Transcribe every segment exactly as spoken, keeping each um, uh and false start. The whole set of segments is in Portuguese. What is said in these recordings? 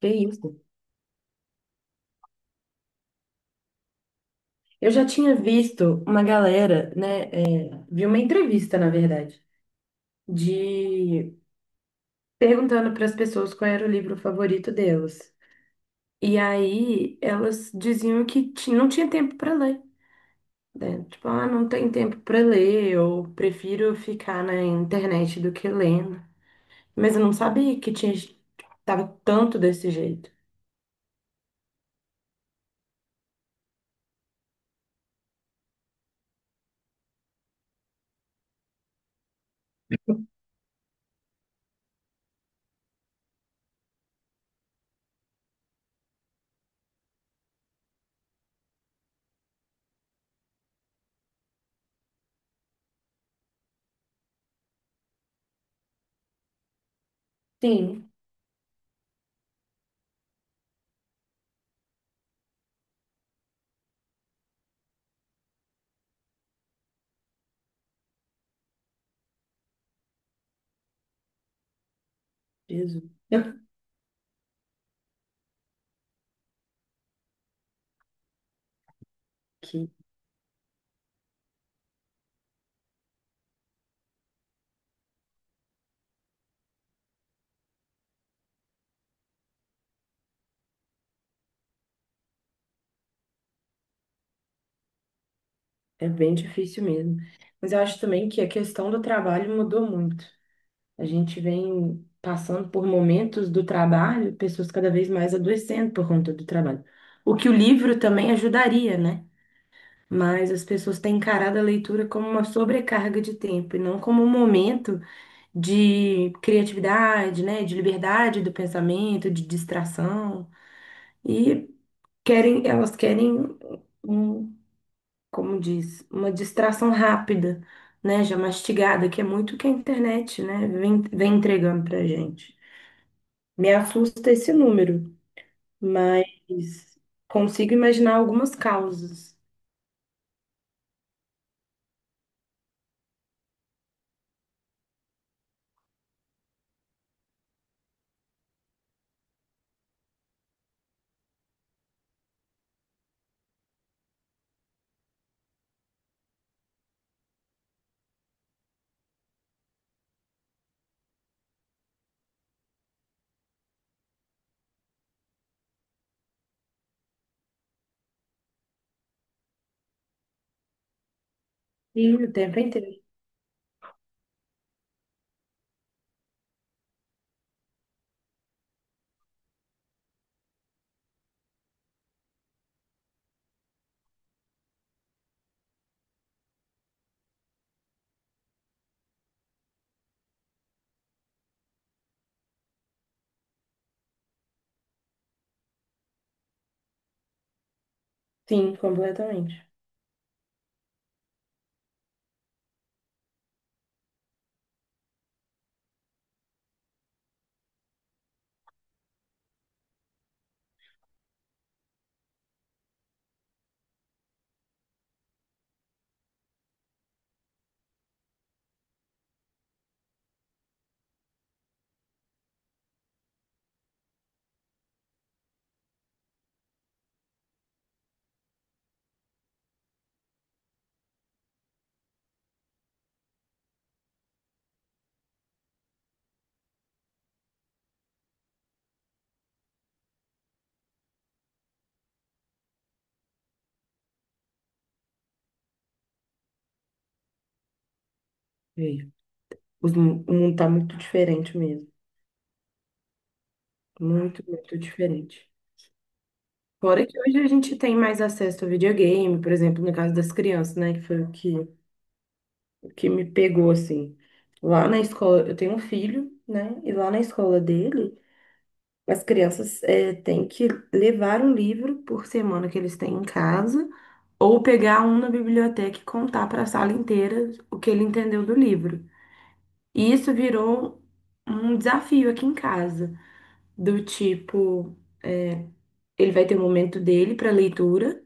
Que isso? Eu já tinha visto uma galera, né? É, vi uma entrevista, na verdade, de perguntando para as pessoas qual era o livro favorito delas. E aí elas diziam que ti- não tinha tempo para ler, né? Tipo, ah, não tem tempo para ler, eu prefiro ficar na internet do que lendo. Mas eu não sabia que tinha tava tanto desse jeito. Sim, Jesus. Que É bem difícil mesmo. Mas eu acho também que a questão do trabalho mudou muito. A gente vem passando por momentos do trabalho, pessoas cada vez mais adoecendo por conta do trabalho. O que o livro também ajudaria, né? Mas as pessoas têm encarado a leitura como uma sobrecarga de tempo e não como um momento de criatividade, né? De liberdade do pensamento, de distração. E querem, elas querem um, como diz, uma distração rápida, né? Já mastigada, que é muito o que a internet, né? Vem, vem entregando pra gente. Me assusta esse número, mas consigo imaginar algumas causas. E o tempo inteiro. Sim, completamente. Veio. Os mu- O mundo tá muito diferente mesmo. Muito, muito diferente. Fora que hoje a gente tem mais acesso ao videogame, por exemplo, no caso das crianças, né? Que foi o que, o que me pegou, assim. Lá na escola, eu tenho um filho, né? E lá na escola dele. As crianças eh, têm que levar um livro por semana que eles têm em casa, ou pegar um na biblioteca e contar para a sala inteira o que ele entendeu do livro. E isso virou um desafio aqui em casa, do tipo, ele vai ter o momento dele para leitura.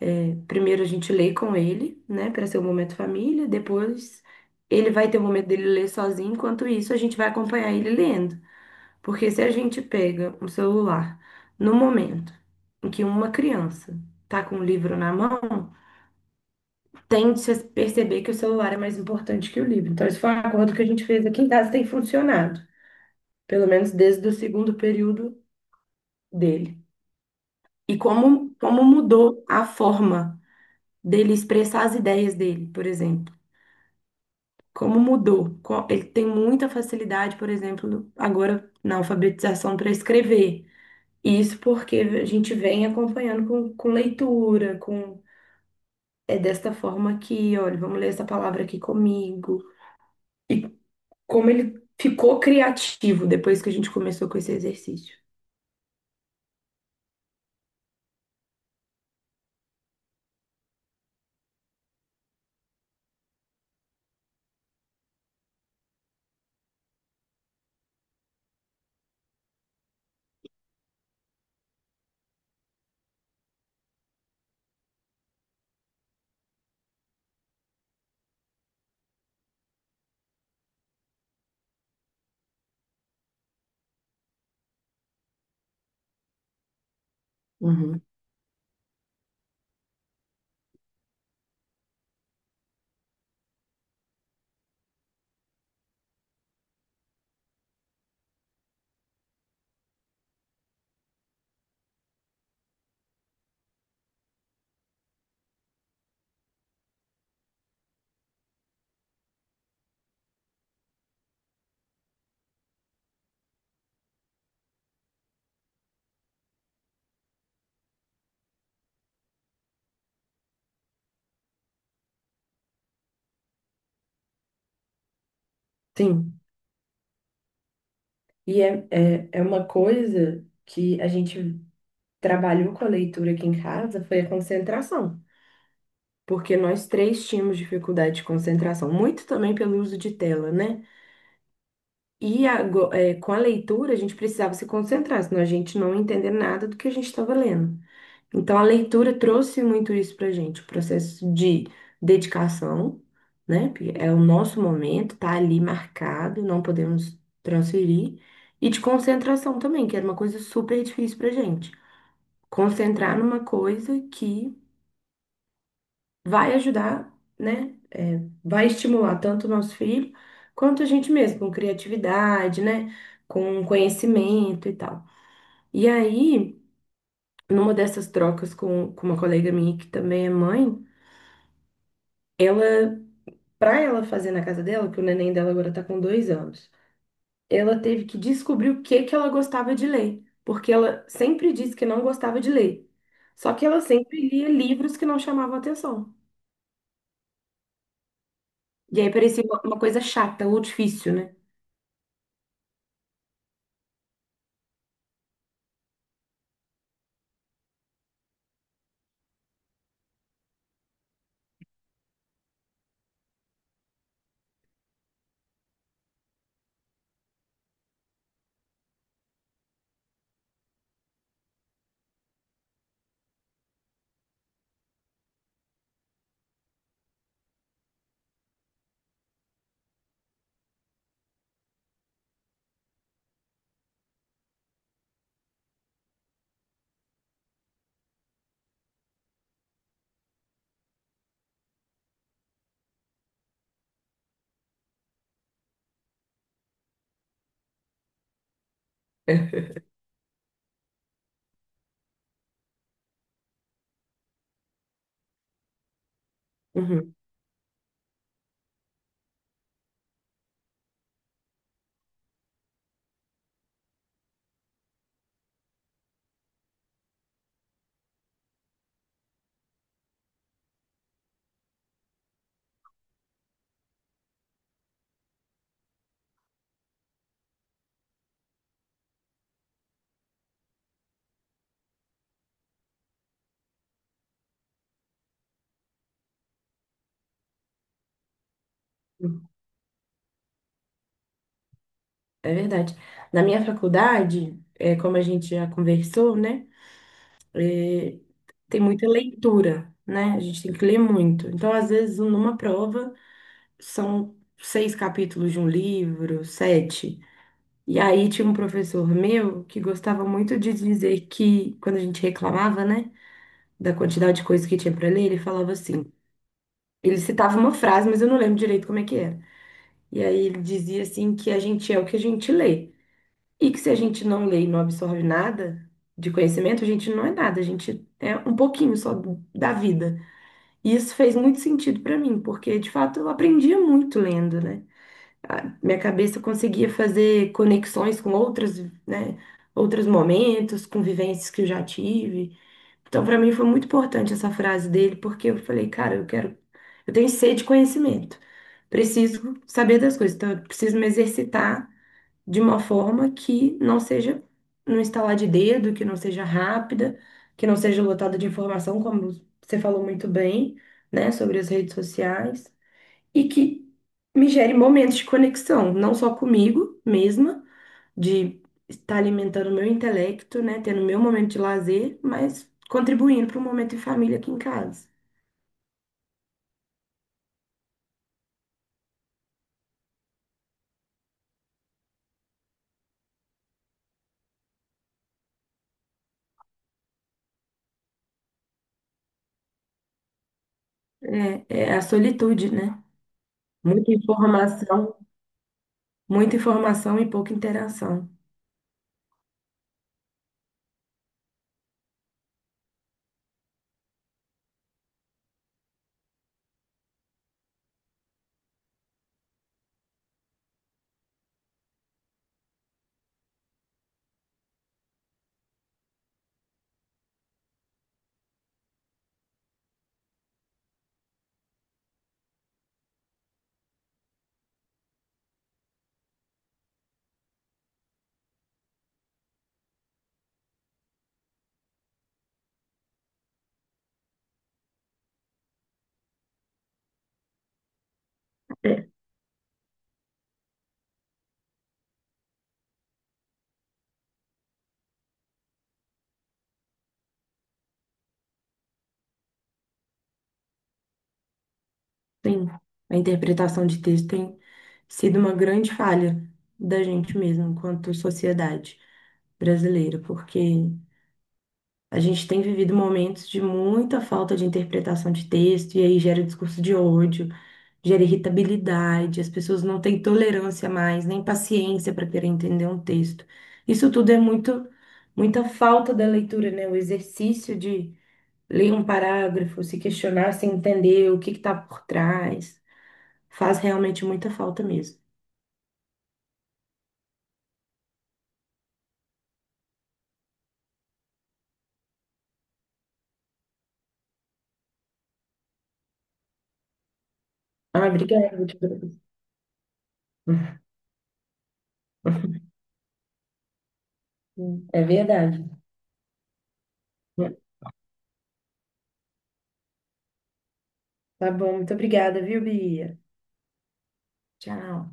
Né? Primeiro a gente lê com ele, né, para ser o momento família, depois ele vai ter o momento dele ler sozinho, enquanto isso a gente vai acompanhar ele lendo. Porque se a gente pega um celular no momento em que uma criança está com o livro na mão, tende a perceber que o celular é mais importante que o livro. Então, esse foi um acordo que a gente fez aqui em casa, tem funcionado, pelo menos desde o segundo período dele. E como, como mudou a forma dele expressar as ideias dele, por exemplo. Como mudou? Co- Ele tem muita facilidade, por exemplo, agora na alfabetização para escrever. Isso porque a gente vem acompanhando com, com leitura, com é desta forma aqui, olha, vamos ler essa palavra aqui comigo. E como ele ficou criativo depois que a gente começou com esse exercício. Uhum. Sim. E é, é, é uma coisa que a gente trabalhou com a leitura aqui em casa, foi a concentração. Porque nós três tínhamos dificuldade de concentração, muito também pelo uso de tela, né? E ago- eh, com a leitura, a gente precisava se concentrar, senão a gente não ia entender nada do que a gente estava lendo. Então, a leitura trouxe muito isso para a gente, o processo de dedicação, né? Porque é o nosso momento, tá ali marcado, não podemos transferir. E de concentração também, que era uma coisa super difícil para gente. Concentrar numa coisa que vai ajudar, né? É, vai estimular tanto o nosso filho quanto a gente mesmo, com criatividade, né? Com conhecimento e tal. E aí, numa dessas trocas com, com uma colega minha que também é mãe, ela, pra ela fazer na casa dela, que o neném dela agora tá com dois anos, ela teve que descobrir o que que ela gostava de ler, porque ela sempre disse que não gostava de ler. Só que ela sempre lia livros que não chamavam atenção. E aí parecia uma uma coisa chata ou difícil, né? Uhum, uhum. É verdade. Na minha faculdade, é, como a gente já conversou, né? é, Tem muita leitura, né? A gente tem que ler muito. Então, às vezes, numa prova, são seis capítulos de um livro, sete. E aí tinha um professor meu que gostava muito de dizer que, quando a gente reclamava, né? Da quantidade de coisas que tinha para ler, ele falava assim. Ele citava uma frase, mas eu não lembro direito como é que era. E aí ele dizia assim que a gente é o que a gente lê. E que se a gente não lê e não absorve nada de conhecimento, a gente não é nada, a gente é um pouquinho só do- da vida. E isso fez muito sentido para mim, porque de fato eu aprendia muito lendo, né? A minha cabeça conseguia fazer conexões com outras, né, outros momentos, com vivências que eu já tive. Então, para mim foi muito importante essa frase dele, porque eu falei, cara, eu quero, eu tenho sede de conhecimento. Preciso saber das coisas, então eu preciso me exercitar de uma forma que não seja no instalar de dedo, que não seja rápida, que não seja lotada de informação, como você falou muito bem, né, sobre as redes sociais, e que me gere momentos de conexão, não só comigo mesma, de estar alimentando o meu intelecto, né, tendo meu momento de lazer, mas contribuindo para um momento em família aqui em casa. É, é a solitude, né? Muita informação, muita informação e pouca interação. É, sim. A interpretação de texto tem sido uma grande falha da gente mesmo, enquanto sociedade brasileira, porque a gente tem vivido momentos de muita falta de interpretação de texto, e aí gera discurso de ódio, gera irritabilidade, as pessoas não têm tolerância mais, nem paciência para querer entender um texto. Isso tudo é muito, muita falta da leitura, né? O exercício de ler um parágrafo, se questionar, se entender o que está por trás. Faz realmente muita falta mesmo. Ah, obrigada, muito. É verdade. Tá bom, muito obrigada, viu, Bia? Tchau.